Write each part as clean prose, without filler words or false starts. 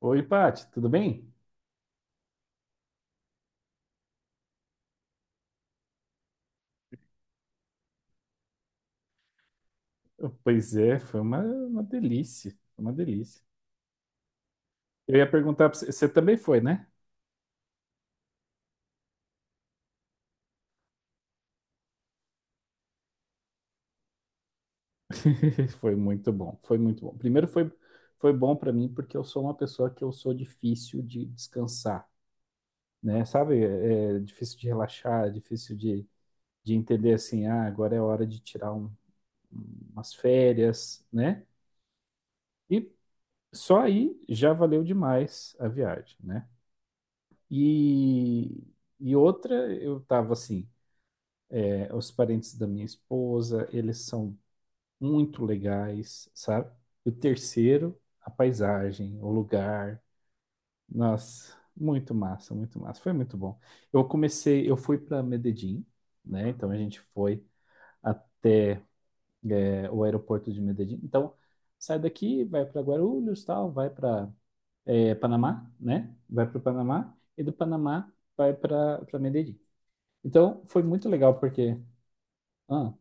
Oi, Paty, tudo bem? Oh, pois é, foi uma delícia, foi uma delícia. Eu ia perguntar para você, você também foi, né? Foi muito bom, foi muito bom. Primeiro foi bom para mim porque eu sou uma pessoa que eu sou difícil de descansar, né? Sabe, é difícil de relaxar, é difícil de entender assim, ah, agora é hora de tirar umas férias, né? E só aí já valeu demais a viagem, né? E, e outra, eu tava assim, os parentes da minha esposa, eles são muito legais, sabe? E o terceiro, a paisagem, o lugar. Nossa, muito massa, muito massa. Foi muito bom. Eu comecei, eu fui para Medellín, né? Então a gente foi até o aeroporto de Medellín. Então sai daqui, vai para Guarulhos, tal, vai para Panamá, né? Vai para o Panamá e do Panamá vai para Medellín. Então foi muito legal porque ah,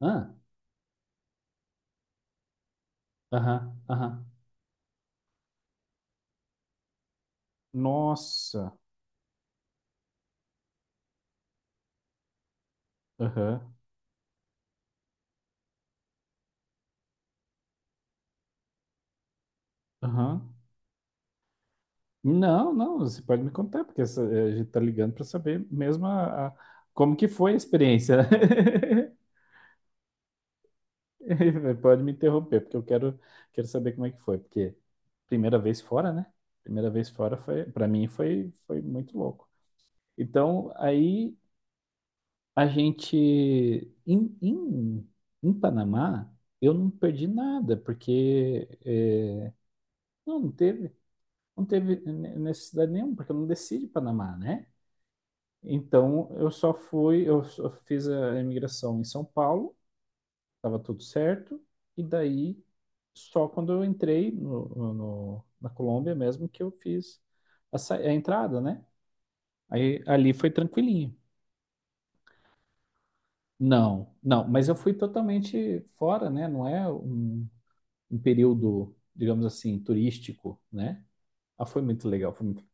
ah, aham, aham. Nossa. Aham. Aham. Não, não, você pode me contar, porque a gente tá ligando para saber mesmo como que foi a experiência. Pode me interromper, porque eu quero, quero saber como é que foi, porque primeira vez fora, né? Primeira vez fora foi, para mim foi, foi muito louco. Então, aí a gente em, em, em Panamá, eu não perdi nada, porque é, não, não teve. Não teve necessidade nenhuma, porque eu não desci de Panamá, né? Então, eu só fui, eu só fiz a imigração em São Paulo, estava tudo certo, e daí, só quando eu entrei na Colômbia mesmo, que eu fiz a entrada, né? Aí, ali foi tranquilinho. Não, não, mas eu fui totalmente fora, né? Não é um, um período, digamos assim, turístico, né? Ah, foi muito legal, foi muito...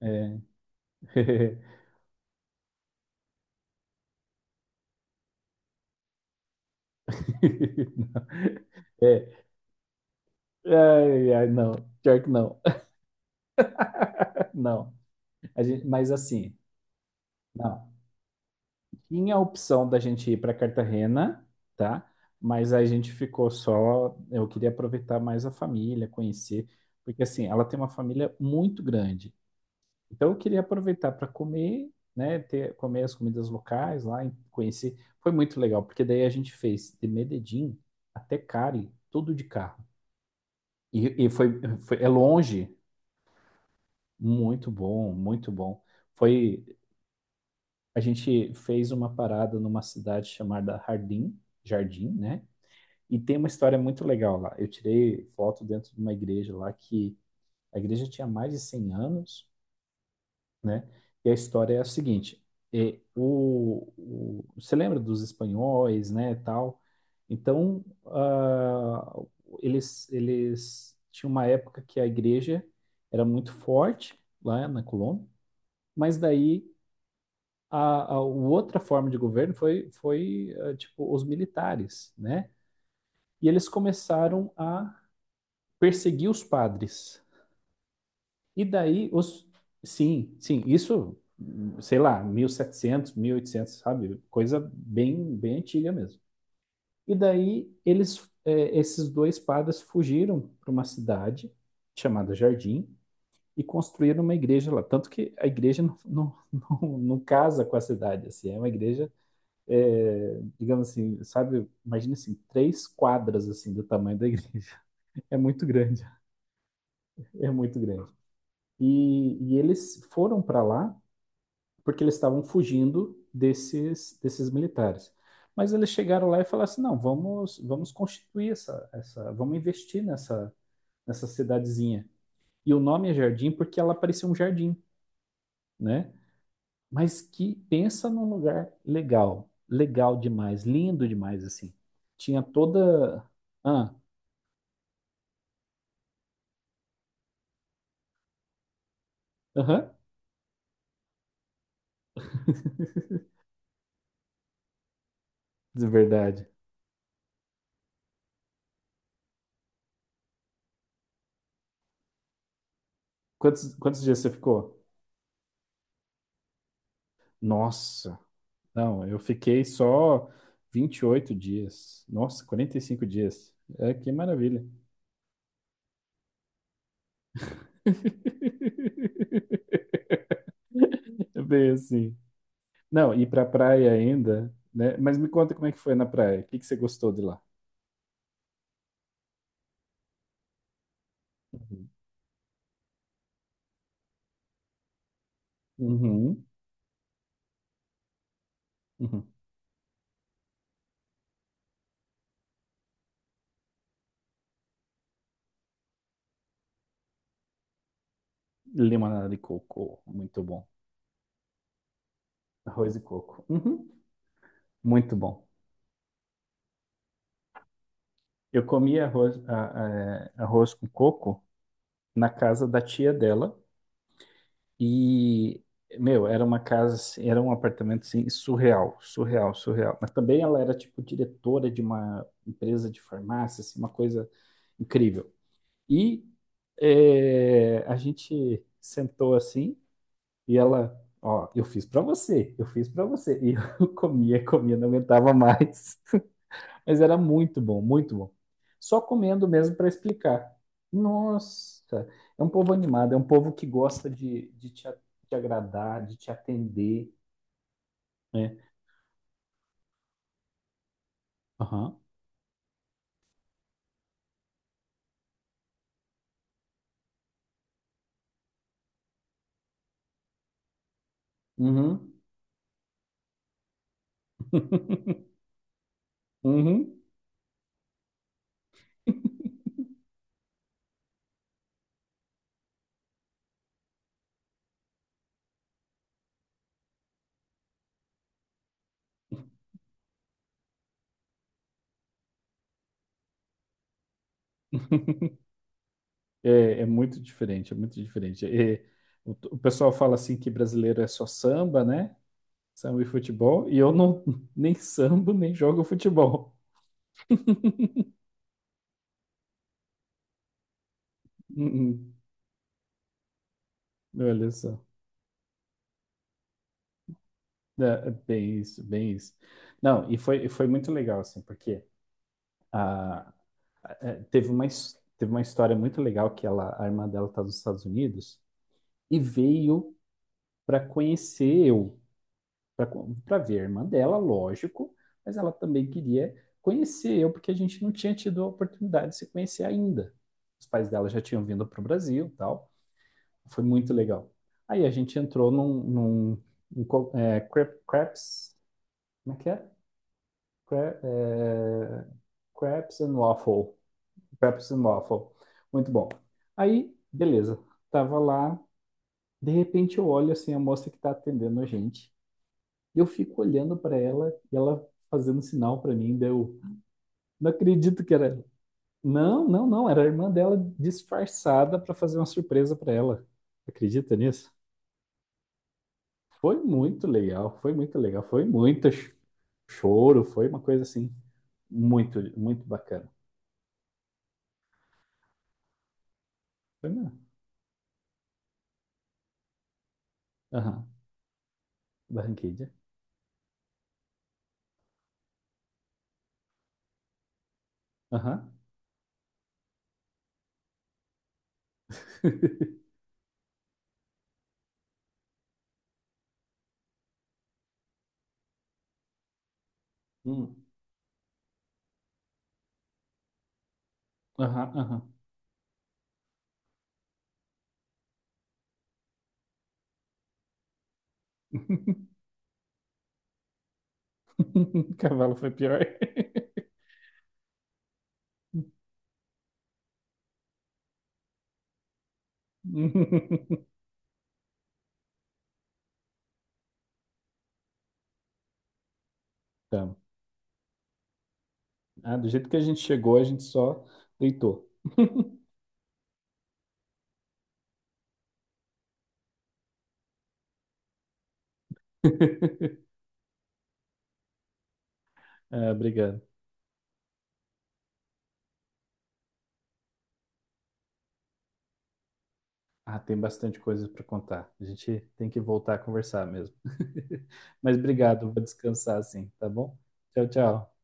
É. É, ai, ai, não. Pior que não. Não. A gente, mas assim, não. Tinha a opção da gente ir para Cartagena, tá? Mas a gente ficou só. Eu queria aproveitar mais a família, conhecer, porque assim, ela tem uma família muito grande. Então eu queria aproveitar para comer, né? Ter, comer as comidas locais lá, e conhecer. Foi muito legal, porque daí a gente fez de Medellín até Cali, tudo de carro. E foi, foi, é longe. Muito bom, muito bom. Foi a gente fez uma parada numa cidade chamada Jardim, Jardim, né? E tem uma história muito legal lá. Eu tirei foto dentro de uma igreja lá que a igreja tinha mais de 100 anos, né? E a história é a seguinte: é, você lembra dos espanhóis, né, tal? Então, ah, eles tinham uma época que a igreja era muito forte lá na Colômbia, mas daí a outra forma de governo foi, foi eh, tipo, os militares, né? E eles começaram a perseguir os padres. E daí, os... Sim, sim, isso, sei lá, 1700, oitocentos sabe? Coisa bem, bem antiga mesmo. E daí, eles, eh, esses dois padres fugiram para uma cidade chamada Jardim e construíram uma igreja lá. Tanto que a igreja não, não, não, não casa com a cidade, assim, é uma igreja é, digamos assim, sabe? Imagina assim, três quadras assim do tamanho da igreja. É muito grande, é muito grande. E eles foram para lá porque eles estavam fugindo desses, desses militares. Mas eles chegaram lá e falaram assim, não, vamos, vamos constituir essa, essa, vamos investir nessa, nessa cidadezinha. E o nome é Jardim porque ela parecia um jardim, né? Mas que pensa num lugar legal, legal demais, lindo demais assim. Tinha toda. Ah, aham, de verdade. Quantos, quantos dias você ficou? Nossa, não, eu fiquei só 28 dias. Nossa, 45 dias. É, que maravilha. É bem assim. Não, e pra praia ainda, né? Mas me conta como é que foi na praia. O que que você gostou de lá? Uhum. Uhum. Uhum. Limonada de coco, muito bom. Arroz e coco. Uhum. Muito bom. Eu comia arroz, arroz com coco na casa da tia dela e, meu, era uma casa, assim, era um apartamento assim, surreal, surreal, surreal. Mas também ela era tipo diretora de uma empresa de farmácia, assim, uma coisa incrível. E é, a gente sentou assim e ela, ó, eu fiz pra você, eu fiz pra você. E eu comia, comia, não aguentava mais. Mas era muito bom, muito bom. Só comendo mesmo para explicar. Nossa, é um povo animado, é um povo que gosta de te agradar, de te atender, né? Aham. Uhum. Uhum. É, é muito diferente, é muito diferente. É, o pessoal fala assim que brasileiro é só samba, né? Samba e futebol, e eu não nem samba, nem jogo futebol. Uhum. Olha só. É, é bem isso, bem isso. Não, e foi muito legal, assim, porque ah, é, teve uma, teve uma história muito legal que ela, a irmã dela está nos Estados Unidos e veio para conhecer eu, para ver a irmã dela, lógico, mas ela também queria conhecer eu, porque a gente não tinha tido a oportunidade de se conhecer ainda. Os pais dela já tinham vindo para o Brasil e tal. Foi muito legal. Aí a gente entrou num crepes, como é que é? Cra- é, Crepes and Waffle. Crepes and Waffle. Muito bom. Aí, beleza. Tava lá. De repente eu olho assim a moça que tá atendendo a gente. E eu fico olhando pra ela e ela fazendo sinal pra mim. Daí eu não acredito que era ela. Não, não, não. Era a irmã dela disfarçada pra fazer uma surpresa pra ela. Acredita nisso? Foi muito legal. Foi muito legal. Foi muito choro. Foi uma coisa assim muito, muito bacana. Foi mesmo. Barranquilla. Aham. Hum. Aham, aham. Cavalo foi pior. Tá. Ah, do jeito que a gente chegou, a gente só deitou. Ah, obrigado. Ah, tem bastante coisa para contar. A gente tem que voltar a conversar mesmo. Mas obrigado, vou descansar assim, tá bom? Tchau, tchau.